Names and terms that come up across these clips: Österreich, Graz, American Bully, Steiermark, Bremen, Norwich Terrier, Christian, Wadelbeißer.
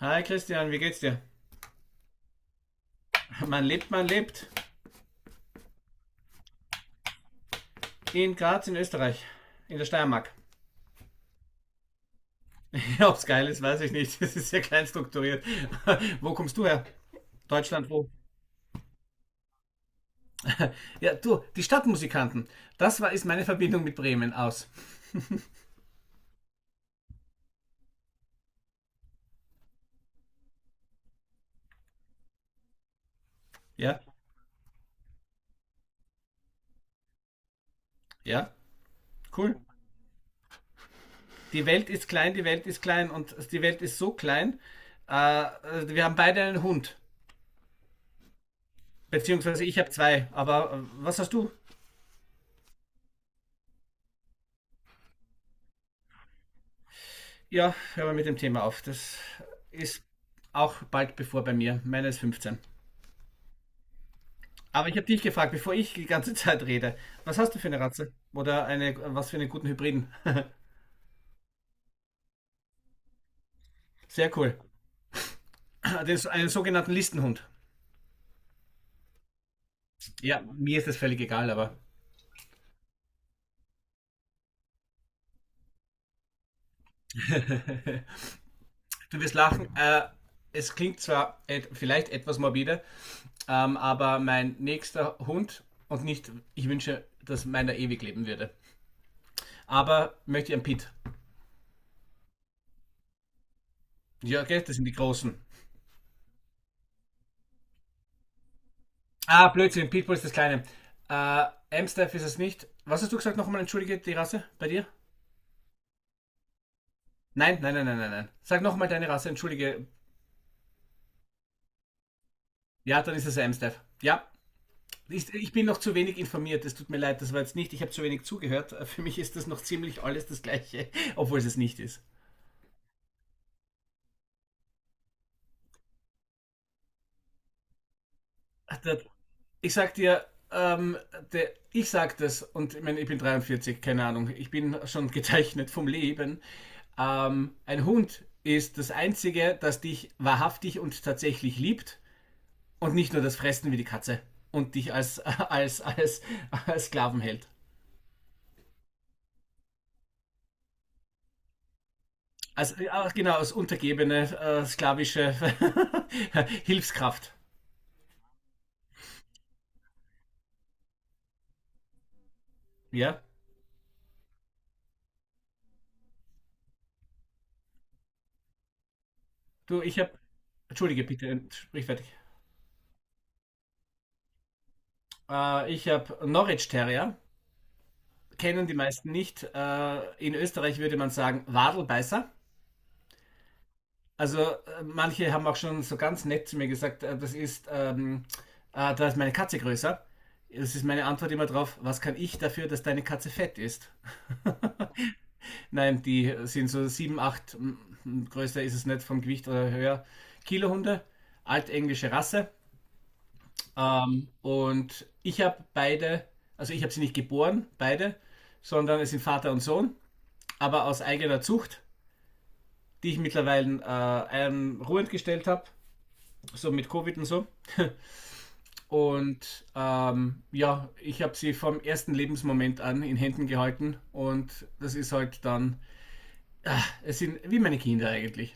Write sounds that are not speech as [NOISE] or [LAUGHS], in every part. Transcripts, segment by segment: Hi Christian, wie geht's dir? Man lebt, man lebt. In Graz in Österreich, in der Steiermark. [LAUGHS] Ja, ob's geil ist, weiß ich nicht. Das ist sehr klein strukturiert. [LAUGHS] Wo kommst du her? Deutschland, wo? Ja, du, die Stadtmusikanten. Das war, ist meine Verbindung mit Bremen aus. Ja, ja, cool. Die Welt ist klein, die Welt ist klein und die Welt ist so klein. Äh, Wir haben beide einen Hund. Beziehungsweise ich habe zwei. Aber was hast du? Ja, hören wir mit dem Thema auf. Das ist auch bald bevor bei mir. Meine ist 15. Aber ich habe dich gefragt, bevor ich die ganze [LAUGHS] Zeit rede, was hast du für eine Ratze? Oder eine, was für einen guten Hybriden? [LAUGHS] Sehr cool. Den, einen sogenannten Listenhund. Ja, mir ist das völlig egal, aber [LAUGHS] du wirst lachen. Es klingt zwar et vielleicht etwas morbide, aber mein nächster Hund und nicht, ich wünsche, dass meiner ewig leben würde. Aber möchte ich einen Pit. Ja, gell, das sind die Großen. Ah, Blödsinn, Pitbull ist das Kleine. Amstaff ist es nicht. Was hast du gesagt nochmal? Entschuldige, die Rasse bei dir? Nein, nein, nein, nein, nein, nein. Sag nochmal deine Rasse, entschuldige. Ja, dann ist es Amstaff. Ja, ich bin noch zu wenig informiert. Es tut mir leid, das war jetzt nicht. Ich habe zu wenig zugehört. Für mich ist das noch ziemlich alles das Gleiche, [LAUGHS] obwohl es nicht ist. da- Ich sag dir, ähm, der, ich sag das und ich, mein, ich bin 43, keine Ahnung, ich bin schon [LAUGHS] gezeichnet vom Leben. Ein Hund ist das Einzige, das dich wahrhaftig und tatsächlich liebt und nicht nur das Fressen wie die Katze und dich als, [LAUGHS] als Sklaven hält. Als, genau, als untergebene, sklavische [LAUGHS] Hilfskraft. Ja? Du, ich habe. Entschuldige bitte, sprich fertig. Ich habe Norwich Terrier, kennen die meisten nicht. In Österreich würde man sagen Wadelbeißer. Also manche haben auch schon so ganz nett zu mir gesagt, das ist, da ist meine Katze größer. Das ist meine Antwort immer drauf, was kann ich dafür, dass deine Katze fett ist? [LAUGHS] Nein, die sind so 7 8 größer ist es nicht vom Gewicht oder höher. Kilohunde, altenglische Rasse. Und ich habe beide, also ich habe sie nicht geboren, beide, sondern es sind Vater und Sohn, aber aus eigener Zucht, die ich mittlerweile ruhend gestellt habe, so mit Covid und so. Und ja, ich habe sie vom ersten Lebensmoment an in Händen gehalten und das ist halt dann, es sind wie meine Kinder eigentlich.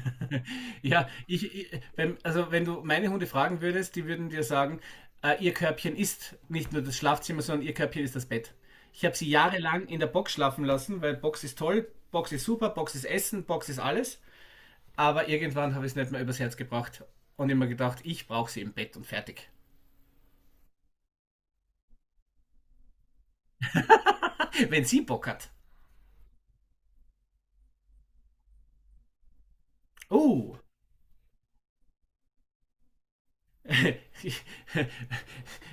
[LAUGHS] Ja, ich wenn, also wenn du meine Hunde fragen würdest, die würden dir sagen, ihr Körbchen ist nicht nur das Schlafzimmer, sondern ihr Körbchen ist das Bett. Ich habe sie jahrelang in der Box schlafen lassen, weil Box ist toll, Box ist super, Box ist Essen, Box ist alles. Aber irgendwann habe ich es nicht mehr übers Herz gebracht und immer gedacht, ich brauche sie im Bett und fertig. [LAUGHS] Wenn sie Bock hat. Oh, [LAUGHS] ich, [LAUGHS]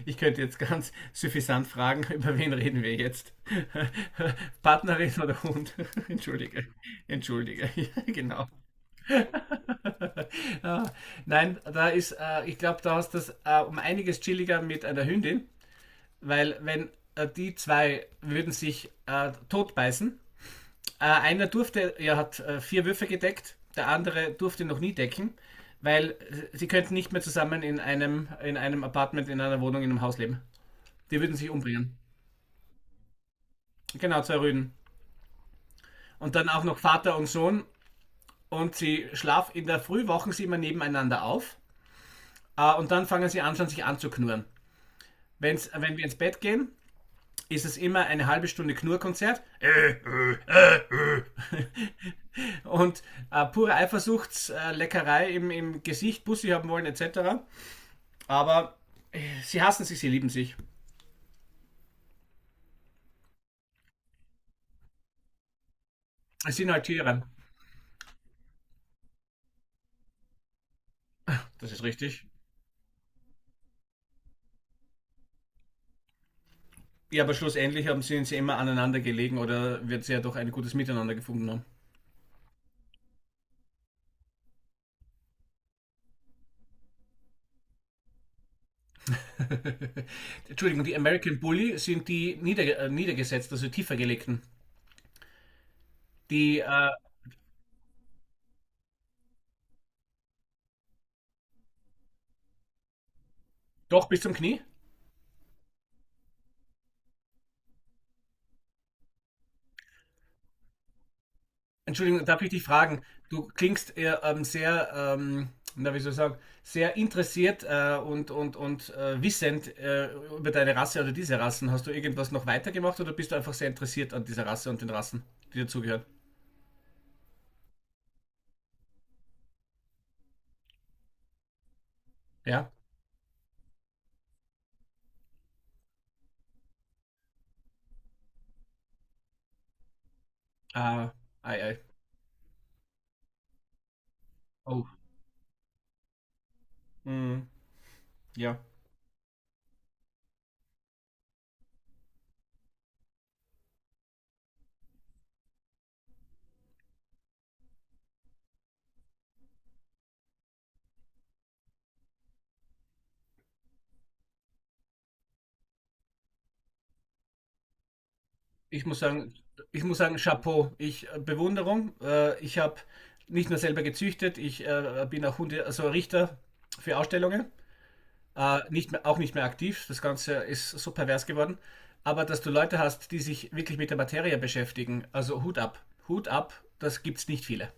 ich könnte jetzt ganz suffisant fragen, [LAUGHS] über wen reden wir jetzt? [LAUGHS] Partnerin oder Hund? [LAUGHS] Entschuldige, entschuldige, [LAUGHS] ja, genau. [LAUGHS] Ah, nein, da ist, ich glaube, da hast du es um einiges chilliger mit einer Hündin, weil wenn die zwei würden sich totbeißen. Einer durfte, er hat vier Würfe gedeckt, der andere durfte noch nie decken, weil sie könnten nicht mehr zusammen in einem Apartment, in einer Wohnung, in einem Haus leben. Die würden sich umbringen. Genau, zwei Rüden. Und dann auch noch Vater und Sohn. Und sie schlafen in der Früh, wachen sie immer nebeneinander auf. Und dann fangen sie an, schon sich anzuknurren. Wenn wir ins Bett gehen, ist es immer eine halbe Stunde Knurrkonzert [LAUGHS] und pure Eifersuchtsleckerei im Gesicht, Bussi haben wollen etc. Aber sie hassen sich, sie lieben sich. Es sind halt Tiere. Das ist richtig. Ja, aber schlussendlich haben sie sie immer aneinander gelegen oder wird sie ja doch ein gutes Miteinander gefunden haben. [LAUGHS] Entschuldigung, die American Bully sind die nieder, niedergesetzt, also tiefer gelegten. Die doch bis zum Knie? Entschuldigung, darf ich dich fragen? Du klingst sehr, na wie soll ich sagen, sehr interessiert wissend über deine Rasse oder diese Rassen. Hast du irgendwas noch weitergemacht oder bist du einfach sehr interessiert an dieser Rasse und den Rassen, die dazugehören? Ja, ah, ei, ei. Oh, mm, ja. Ich muss sagen, ich muss sagen, Chapeau. Ich Bewunderung. Ich habe nicht nur selber gezüchtet, ich bin auch Hunde, also Richter für Ausstellungen. Nicht mehr, auch nicht mehr aktiv. Das Ganze ist so pervers geworden. Aber dass du Leute hast, die sich wirklich mit der Materie beschäftigen, also Hut ab. Hut ab, das gibt's nicht viele.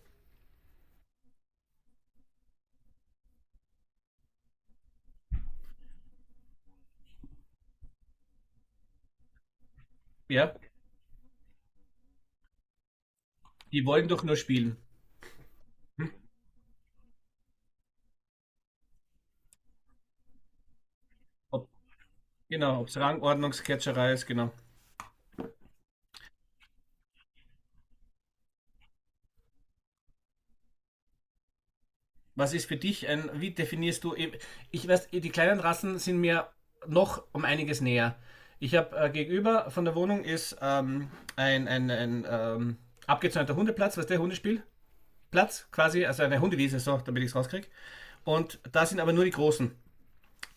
Ja, die wollen doch nur spielen. Ob, genau, ob es Rangordnungsketzerei ist, genau. Was ist für dich ein, wie definierst du, ich weiß, die kleinen Rassen sind mir noch um einiges näher. Ich habe gegenüber von der Wohnung ist ein abgezäunter Hundeplatz, was der Hundespielplatz quasi, also eine Hundewiese, so, damit ich es rauskriege. Und da sind aber nur die Großen.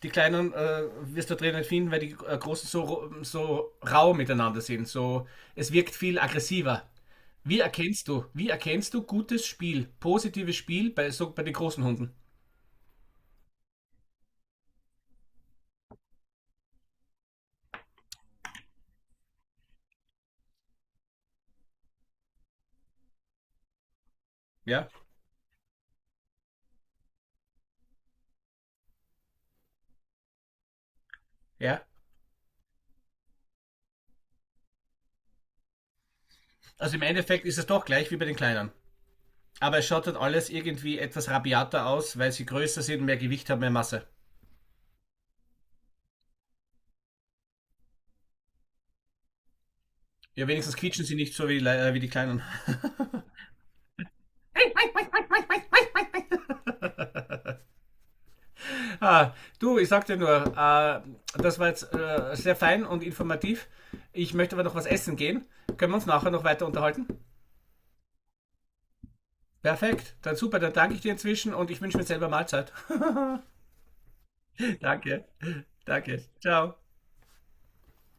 Die Kleinen wirst du drin nicht finden, weil die Großen so, so rau miteinander sind. So, es wirkt viel aggressiver. Wie erkennst du gutes Spiel, positives Spiel bei, so, bei den großen Hunden? Ja? Ja. Also im Endeffekt ist es doch gleich wie bei den Kleinern. Aber es schaut halt alles irgendwie etwas rabiater aus, weil sie größer sind, mehr Gewicht haben, mehr Masse. Ja, wenigstens quietschen sie nicht so wie, wie die Kleinen. [LAUGHS] Ah, du, ich sag dir nur, das war jetzt sehr fein und informativ. Ich möchte aber noch was essen gehen. Können wir uns nachher noch weiter unterhalten? Perfekt, dann super, dann danke ich dir inzwischen und ich wünsche mir selber Mahlzeit. [LAUGHS] Danke, danke. Ciao.